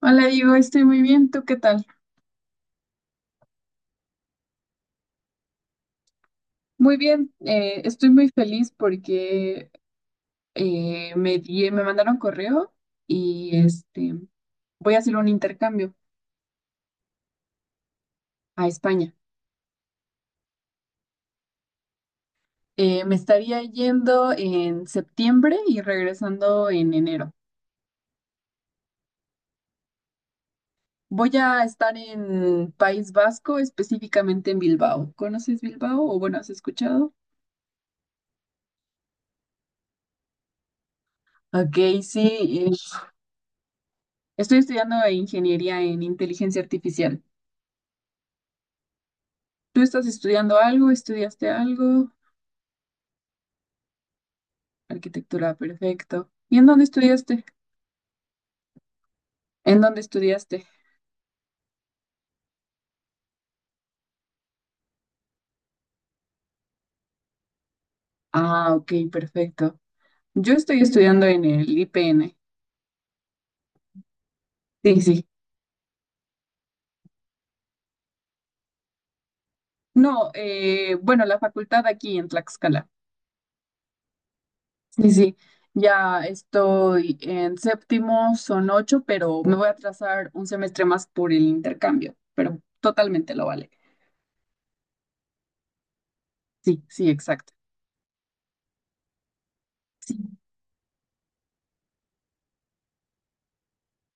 Hola, Diego, estoy muy bien. ¿Tú qué tal? Muy bien, estoy muy feliz porque me mandaron correo y voy a hacer un intercambio a España. Me estaría yendo en septiembre y regresando en enero. Voy a estar en País Vasco, específicamente en Bilbao. ¿Conoces Bilbao? O bueno, ¿has escuchado? Ok, sí. Estoy estudiando ingeniería en inteligencia artificial. ¿Tú estás estudiando algo? ¿Estudiaste algo? Arquitectura, perfecto. ¿Y en dónde estudiaste? ¿En dónde estudiaste? Ah, ok, perfecto. Yo estoy estudiando en el IPN. Sí, sí. No, bueno, la facultad aquí en Tlaxcala. Sí, sí. Ya estoy en séptimo, son ocho, pero me voy a atrasar un semestre más por el intercambio, pero totalmente lo vale. Sí, sí, exacto. Sí,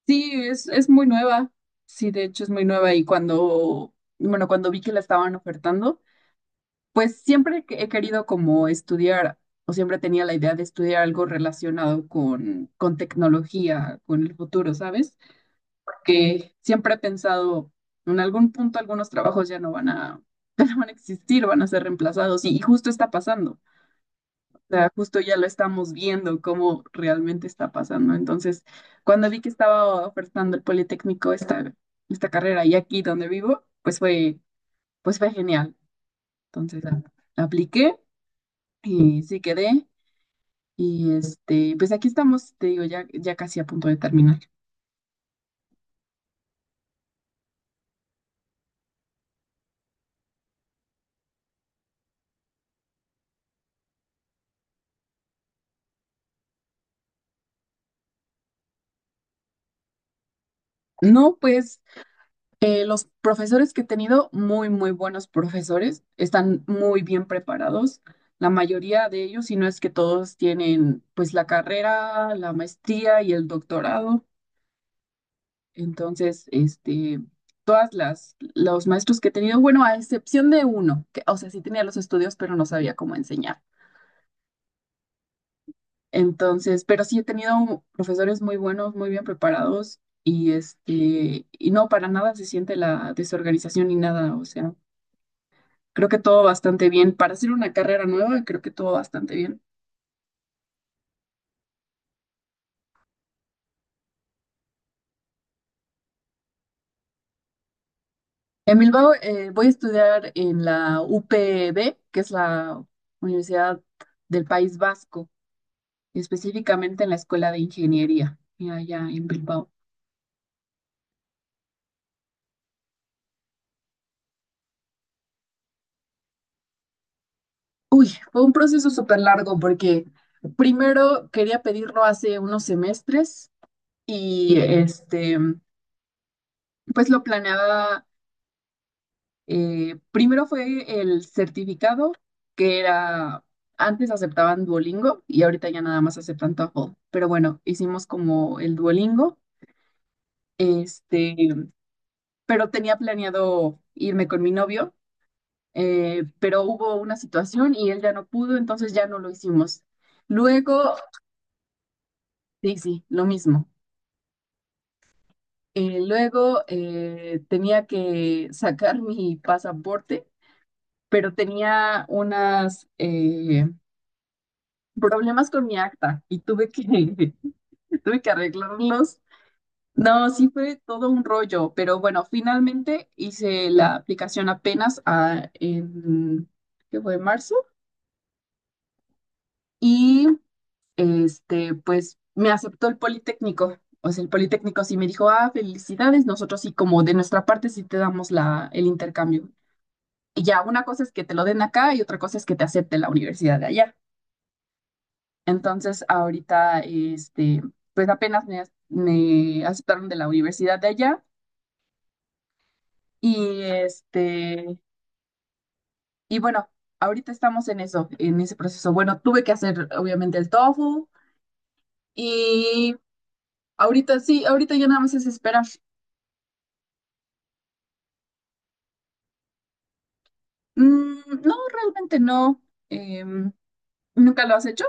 sí, es muy nueva. Sí, de hecho es muy nueva y cuando, bueno, cuando vi que la estaban ofertando, pues siempre que he querido como estudiar, o siempre tenía la idea de estudiar algo relacionado con tecnología, con el futuro, ¿sabes? Que siempre he pensado, en algún punto algunos trabajos ya no van a, ya no van a existir, van a ser reemplazados, y justo está pasando. O sea, justo ya lo estamos viendo cómo realmente está pasando. Entonces, cuando vi que estaba ofertando el Politécnico esta carrera y aquí donde vivo, pues fue genial. Entonces, apliqué. Y sí quedé. Y pues aquí estamos, te digo, ya casi a punto de terminar. No, pues los profesores que he tenido, muy buenos profesores, están muy bien preparados. La mayoría de ellos, si no es que todos tienen pues la carrera, la maestría y el doctorado. Entonces, todas los maestros que he tenido, bueno, a excepción de uno, que, o sea, sí tenía los estudios, pero no sabía cómo enseñar. Entonces, pero sí he tenido profesores muy buenos, muy bien preparados y y no, para nada se siente la desorganización ni nada, o sea, creo que todo bastante bien. Para hacer una carrera nueva, creo que todo bastante bien. En Bilbao, voy a estudiar en la UPB, que es la Universidad del País Vasco, específicamente en la Escuela de Ingeniería, y allá en Bilbao. Uy, fue un proceso súper largo porque primero quería pedirlo hace unos semestres y pues lo planeaba, primero fue el certificado, que era, antes aceptaban Duolingo y ahorita ya nada más aceptan TOEFL, pero bueno, hicimos como el Duolingo, este, pero tenía planeado irme con mi novio, pero hubo una situación y él ya no pudo, entonces ya no lo hicimos. Luego, sí, sí, lo mismo. Luego tenía que sacar mi pasaporte pero tenía unos problemas con mi acta y tuve que arreglarlos. No, sí fue todo un rollo, pero bueno, finalmente hice la aplicación apenas ¿qué fue? Marzo y pues me aceptó el Politécnico. O sea, el Politécnico sí me dijo, ah, felicidades, nosotros sí, como de nuestra parte sí te damos el intercambio. Y ya, una cosa es que te lo den acá y otra cosa es que te acepte la universidad de allá. Entonces, ahorita, pues me aceptaron de la universidad de allá y y bueno, ahorita estamos en eso, en ese proceso. Bueno, tuve que hacer obviamente el tofu y ahorita sí, ahorita ya nada más es esperar. Mm, no, realmente no. Em, ¿Nunca lo has hecho?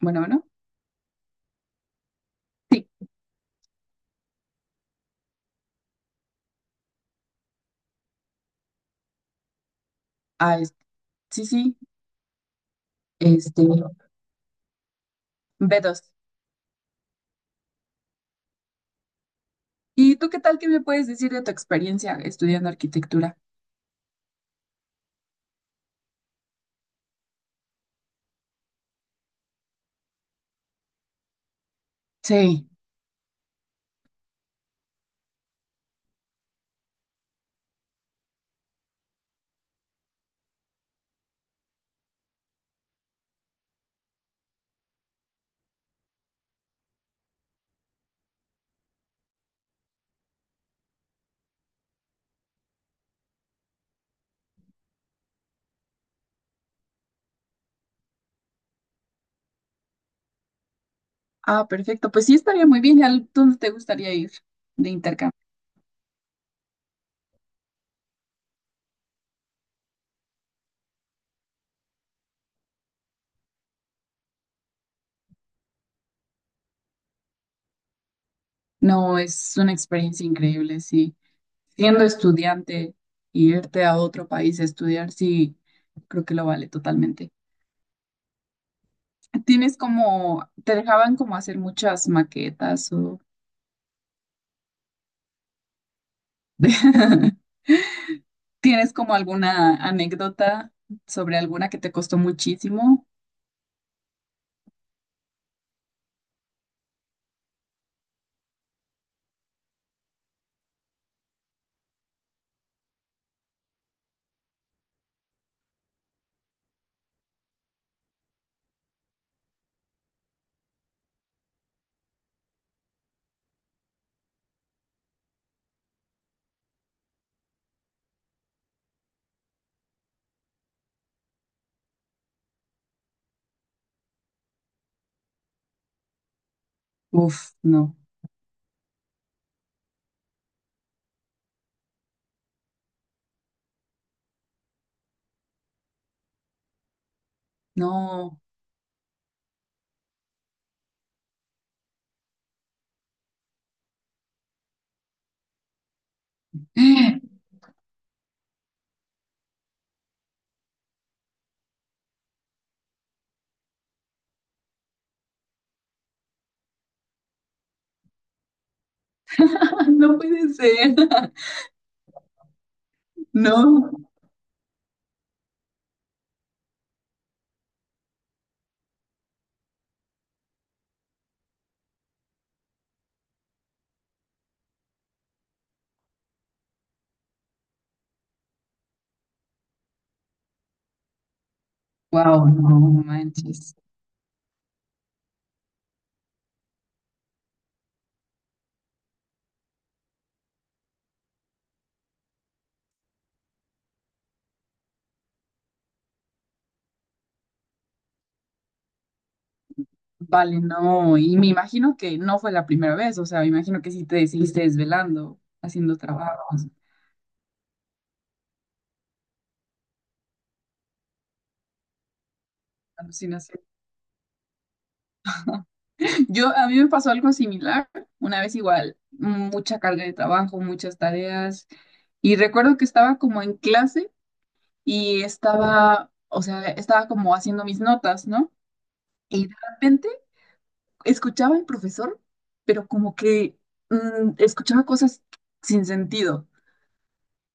Bueno, bueno. Sí, ah, es- sí, este, B2. ¿Y tú qué tal? ¿Qué me puedes decir de tu experiencia estudiando arquitectura? Sí. Ah, perfecto. Pues sí, estaría muy bien. ¿Y a dónde te gustaría ir de intercambio? No, es una experiencia increíble, sí. Siendo estudiante, irte a otro país a estudiar, sí, creo que lo vale totalmente. ¿Tienes como, te dejaban como hacer muchas maquetas o tienes como alguna anécdota sobre alguna que te costó muchísimo? Uf, no, no puede ser. No. Wow, no manches. Vale, no, y me imagino que no fue la primera vez, o sea, me imagino que sí te seguiste desvelando, haciendo trabajos, alucinación. Yo, a mí me pasó algo similar, una vez igual, mucha carga de trabajo, muchas tareas, y recuerdo que estaba como en clase y estaba, o sea, estaba como haciendo mis notas, ¿no? Y de repente escuchaba al profesor, pero como que escuchaba cosas sin sentido.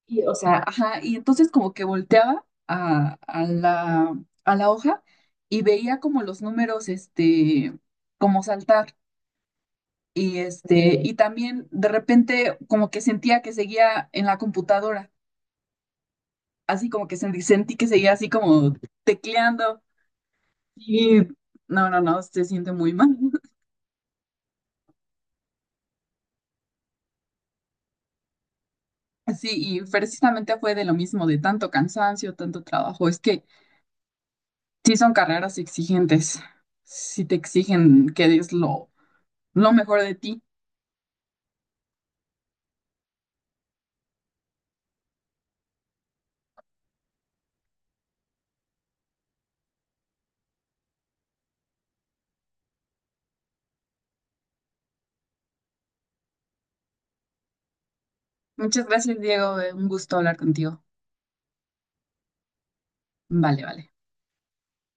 Y, o sea, ajá, y entonces como que volteaba a la hoja y veía como los números, como saltar. Y y también de repente como que sentía que seguía en la computadora, así como que sentí que seguía así como tecleando. Y no, se siente muy mal. Sí, y precisamente fue de lo mismo, de tanto cansancio, tanto trabajo. Es que sí son carreras exigentes, sí te exigen que des lo mejor de ti. Muchas gracias, Diego. Un gusto hablar contigo. Vale, vale.